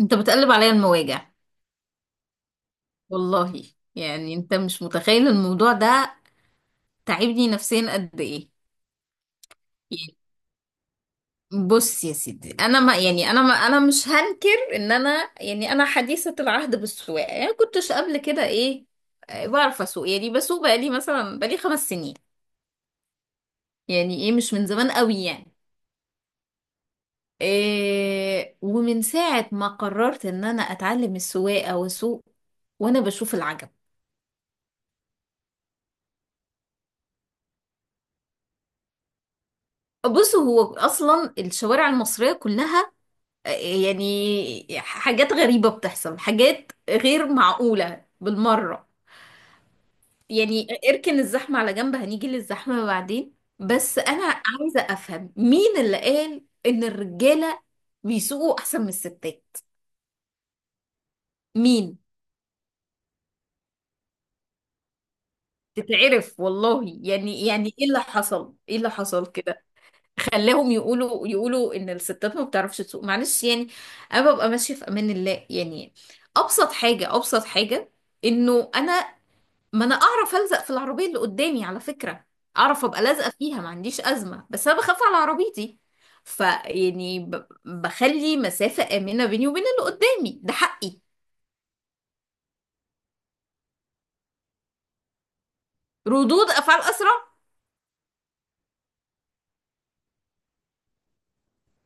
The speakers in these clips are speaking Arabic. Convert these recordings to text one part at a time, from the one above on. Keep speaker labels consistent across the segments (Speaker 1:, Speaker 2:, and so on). Speaker 1: انت بتقلب عليا المواجع، والله. يعني انت مش متخيل الموضوع ده تعبني نفسيا قد ايه. يعني بص يا سيدي، انا مش هنكر ان انا حديثة العهد بالسواقة، يعني كنتش قبل كده ايه. بعرف اسوق، يعني بسوق بقالي مثلا بقالي 5 سنين، يعني ايه، مش من زمان قوي يعني. إيه، ومن ساعة ما قررت ان انا اتعلم السواقة واسوق وانا بشوف العجب. بص، هو اصلا الشوارع المصرية كلها يعني حاجات غريبة بتحصل، حاجات غير معقولة بالمرة. يعني اركن الزحمة على جنب، هنيجي للزحمة بعدين. بس أنا عايزة أفهم مين اللي قال إن الرجالة بيسوقوا أحسن من الستات؟ مين؟ تتعرف والله. يعني ايه اللي حصل، ايه اللي حصل كده خلاهم يقولوا يقولوا ان الستات ما بتعرفش تسوق؟ معلش يعني. انا ببقى ماشيه في امان الله يعني. ابسط حاجه ابسط حاجه انه انا، ما انا اعرف الزق في العربيه اللي قدامي على فكره، اعرف ابقى لازقه فيها، ما عنديش ازمه. بس انا بخاف على عربيتي. فيعني بخلي مسافه امنه بيني وبين اللي قدامي، ده حقي. ردود افعال اسرع؟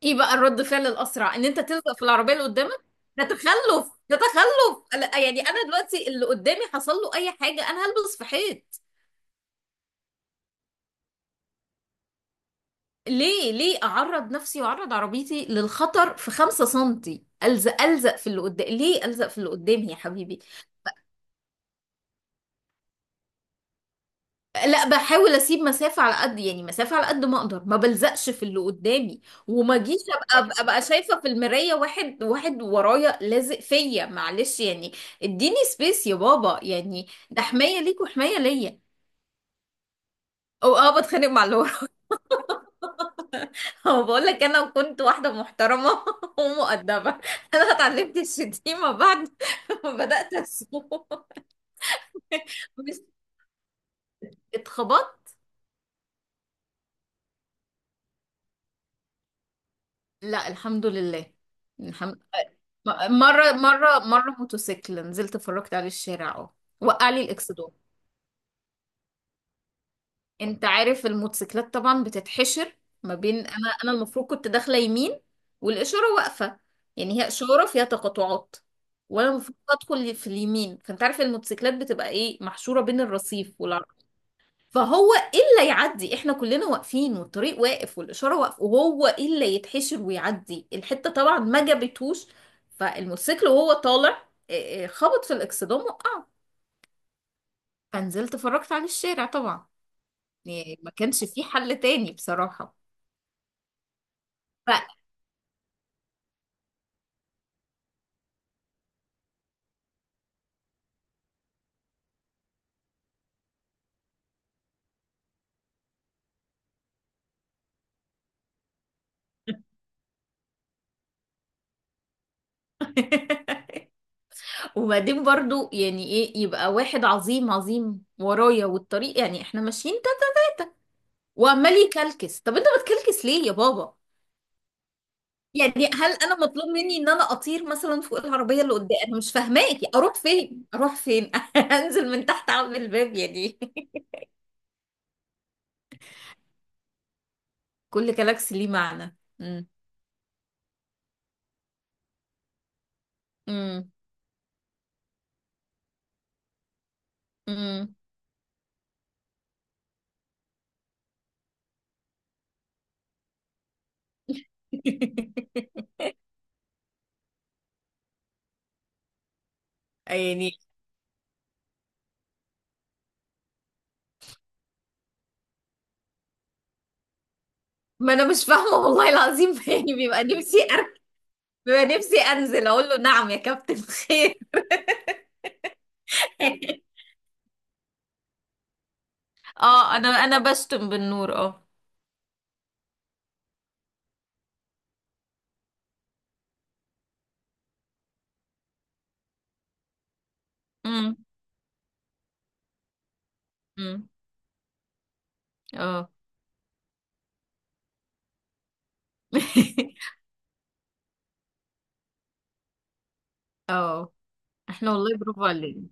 Speaker 1: ايه بقى الرد فعل الاسرع؟ ان انت تلزق في العربيه اللي قدامك؟ ده تخلف، ده تخلف. لا، يعني انا دلوقتي اللي قدامي حصل له اي حاجه انا هلبس في حيط. ليه ليه اعرض نفسي واعرض عربيتي للخطر في 5 سنتي؟ الزق الزق في اللي قدامي؟ ليه الزق في اللي قدامي يا حبيبي؟ لا، بحاول اسيب مسافة على قد يعني مسافة على قد ما اقدر، ما بلزقش في اللي قدامي وما اجيش ابقى ابقى شايفة في المراية واحد واحد ورايا لازق فيا. معلش يعني، اديني سبيس يا بابا. يعني ده حماية ليك وحماية ليا. او اه، بتخانق مع اللي ورا. بقول لك انا كنت واحدة محترمة ومؤدبة. انا اتعلمت الشتيمة بعد ما بدأت اسوق. مش اتخبطت. لا الحمد لله. الحمد. مرة موتوسيكل نزلت اتفرجت عليه الشارع، اه. وقع لي الاكسدون. انت عارف الموتوسيكلات طبعا بتتحشر ما بين، انا المفروض كنت داخلة يمين والاشارة واقفة. يعني هي اشارة فيها تقاطعات وانا المفروض ادخل في اليمين، فانت عارف الموتوسيكلات بتبقى ايه، محشورة بين الرصيف. فهو ايه اللي يعدي؟ احنا كلنا واقفين والطريق واقف والاشاره واقف، وهو ايه اللي يتحشر ويعدي الحته؟ طبعا ما جابتهوش، فالموتوسيكل وهو طالع إيه، خبط في الاكسدام وقع. فنزلت اتفرجت على الشارع طبعا، يعني ما كانش في حل تاني بصراحه. ف... وبعدين برضو يعني ايه، يبقى واحد عظيم عظيم ورايا والطريق يعني احنا ماشيين تلاتة وعمال يكلكس. طب انت بتكلكس ليه يا بابا؟ يعني هل انا مطلوب مني ان انا اطير مثلا فوق العربيه اللي قدام؟ انا مش فاهماكي، اروح فين اروح فين؟ انزل من تحت اعمل الباب يعني؟ كل جالاكسي ليه معنى. امم امم يعني ما انا مش فاهمه والله العظيم. يعني بيبقى نفسي بيبقى نفسي انزل اقول له نعم يا كابتن، خير؟ اه انا انا بشتم بالنور، اه. امم امم اه اه، احنا والله برافو علينا.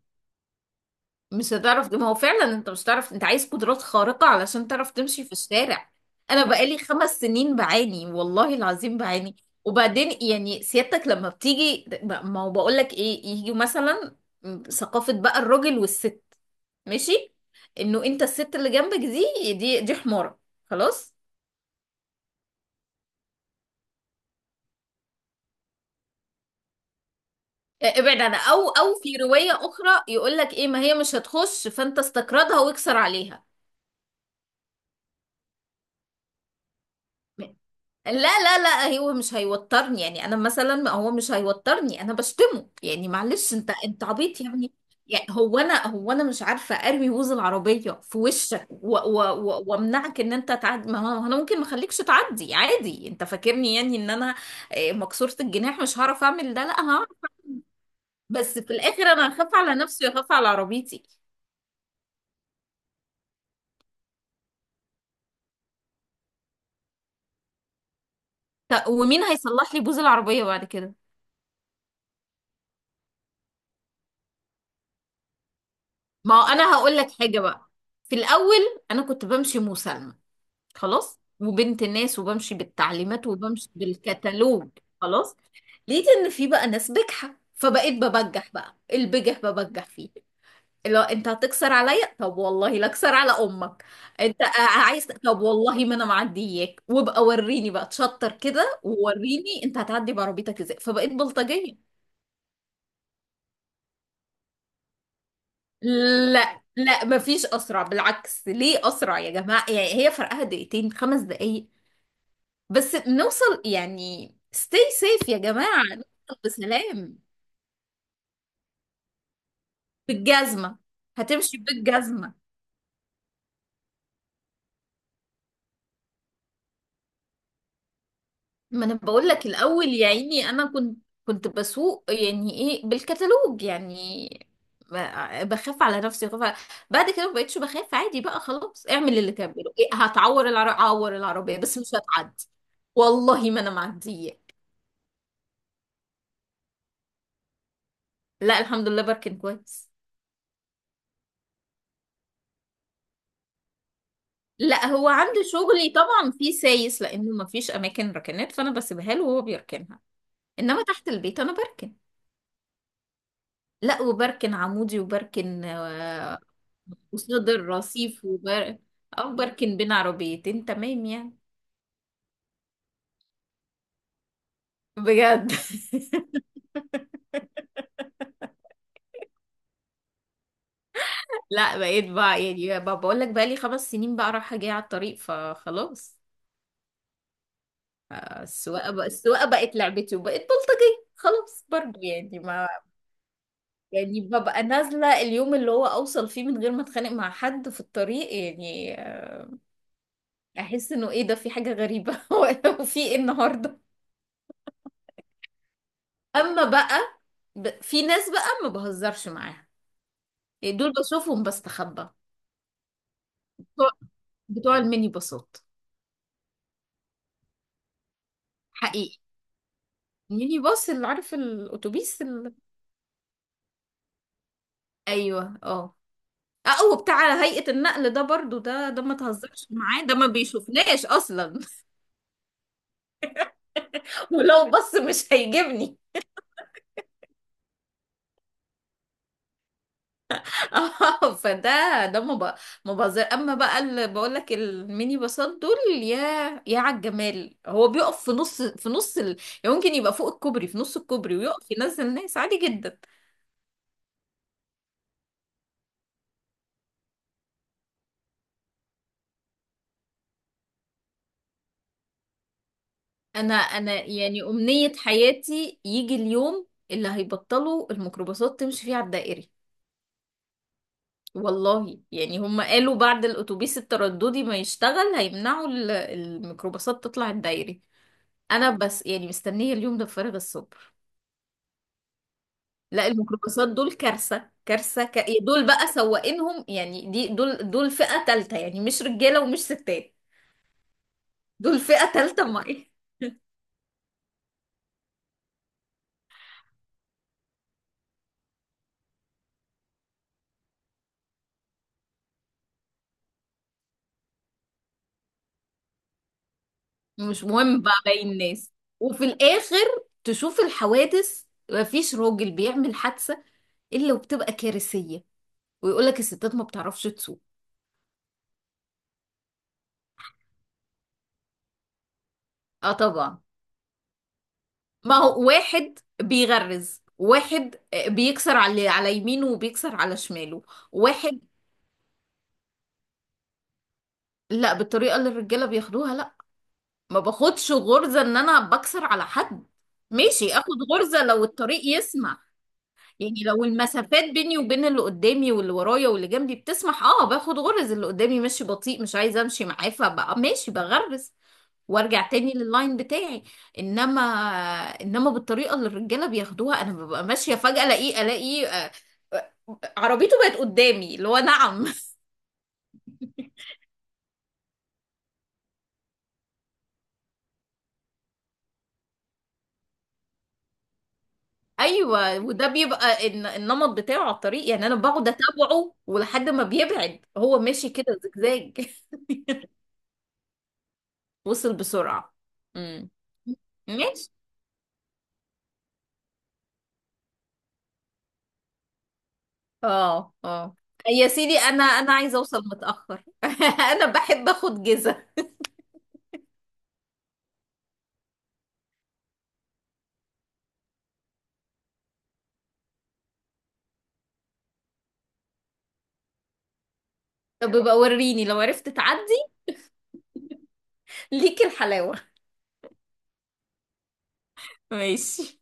Speaker 1: مش هتعرف، ما هو فعلا انت مش هتعرف. انت عايز قدرات خارقة علشان تعرف تمشي في الشارع. انا بقالي 5 سنين بعاني والله العظيم، بعاني. وبعدين يعني سيادتك لما بتيجي، ما هو بقول لك ايه، يجي مثلا ثقافة بقى الراجل والست. ماشي، انه انت الست اللي جنبك دي حمارة. خلاص. اه، ابعد عنها، او او في رواية اخرى يقول لك ايه، ما هي مش هتخش فانت استكردها واكسر عليها. لا، لا، لا، هو مش هيوترني. يعني انا مثلا، ما هو مش هيوترني. انا بشتمه يعني، معلش، انت انت عبيط يعني. يعني هو انا مش عارفه اروي ووز العربيه في وشك وامنعك ان انت تعدي؟ ما هو انا ممكن ما اخليكش تعدي عادي. انت فاكرني يعني ان انا مكسوره الجناح؟ مش هعرف اعمل ده؟ لا، هعرف. بس في الاخر انا هخاف على نفسي وهخاف على عربيتي. ومين هيصلح لي بوز العربيه بعد كده؟ ما هو انا هقول لك حاجه بقى. في الاول انا كنت بمشي مسالمه خلاص، وبنت ناس، وبمشي بالتعليمات، وبمشي بالكتالوج. خلاص، لقيت ان في بقى ناس بجحة فبقيت ببجح. بقى البجح ببجح فيه. اللي هو انت هتكسر عليا؟ طب والله لا اكسر على امك. انت عايز، طب والله ما انا معدياك. وابقى وريني بقى تشطر كده، ووريني انت هتعدي بعربيتك ازاي. فبقيت بلطجية. لا، لا، مفيش اسرع بالعكس. ليه اسرع يا جماعه؟ يعني هي فرقها دقيقتين 5 دقايق بس نوصل يعني. Stay safe يا جماعة، نوصل بسلام. بالجزمة، هتمشي بالجزمة. ما انا بقول لك الاول، يا عيني انا كنت بسوق يعني ايه، بالكتالوج يعني. بخاف على نفسي، بعد كده ما بقتش بخاف عادي. بقى خلاص اعمل اللي تعمله. إيه، هتعور العربية؟ اعور العربية بس مش هتعدي، والله ما انا معدية. لا الحمد لله، بركن كويس. لا هو عنده شغلي طبعا في سايس، لانه ما فيش اماكن ركنات، فانا بسيبها له وهو بيركنها. انما تحت البيت انا بركن. لا، وبركن عمودي، وبركن، قصاد الرصيف، وبر، او بركن بين عربيتين، تمام يعني. بجد. لا بقيت بقى يعني، بقى بقول لك، بقى لي 5 سنين بقى رايحه جايه على الطريق فخلاص. السواقه بقى، السواقه بقت لعبتي، وبقت بلطجيه خلاص برضه يعني ما. يعني ببقى نازلة اليوم اللي هو أوصل فيه من غير ما أتخانق مع حد في الطريق، يعني أحس إنه إيه ده، في حاجة غريبة. وفي إيه النهاردة؟ أما بقى، في ناس بقى ما بهزرش معاها. يعني دول بشوفهم بستخبى. بتوع بتوع الميني باصات. حقيقي. الميني باص اللي عارف، الأتوبيس أيوه، أه. اه، وبتاع هيئة النقل ده برضو، ده ما تهزرش معاه، ده ما بيشوفناش أصلا. ولو بص مش هيجيبني. اه، فده، ده مب- مبذر. اما بقى اللي بقول لك الميني باصات دول، يا يا على الجمال. هو بيقف في نص، يعني ممكن يبقى فوق الكوبري في نص الكوبري ويقف ينزل ناس عادي جدا. انا يعني امنية حياتي يجي اليوم اللي هيبطلوا الميكروباصات تمشي فيه على الدائري، والله يعني. هم قالوا بعد الاتوبيس الترددي ما يشتغل هيمنعوا الميكروباصات تطلع الدائري. انا بس يعني مستنية اليوم ده بفارغ الصبر. لا الميكروباصات دول كارثة كارثة دول بقى سواقينهم يعني، دي دول فئة تالتة يعني، مش رجالة ومش ستات. دول فئة تالتة معايا. مش مهم بقى باقي الناس. وفي الآخر تشوف الحوادث. مفيش راجل بيعمل حادثة إلا وبتبقى كارثية، ويقولك الستات ما بتعرفش تسوق. اه طبعا، ما هو واحد بيغرز، واحد بيكسر على يمينه وبيكسر على شماله. واحد. لا بالطريقة اللي الرجالة بياخدوها، ما باخدش غرزة ان انا بكسر على حد. ماشي، اخد غرزة لو الطريق يسمح. يعني لو المسافات بيني وبين اللي قدامي واللي ورايا واللي جنبي بتسمح، اه باخد غرز. اللي قدامي ماشي بطيء مش عايزة امشي معاه، فبقى ماشي بغرز وارجع تاني لللاين بتاعي. انما انما بالطريقة اللي الرجالة بياخدوها انا ببقى ماشية فجأة الاقيه آه، عربيته بقت قدامي، اللي هو نعم؟ ايوه، وده بيبقى النمط بتاعه على الطريق. يعني انا بقعد اتابعه ولحد ما بيبعد، هو ماشي كده زجزاج. وصل بسرعه. امم. ماشي. اه، اه. يا سيدي انا انا عايزه اوصل متاخر. انا بحب اخد جزة. طب يبقى وريني لو عرفت تعدي، ليك الحلاوه. ماشي.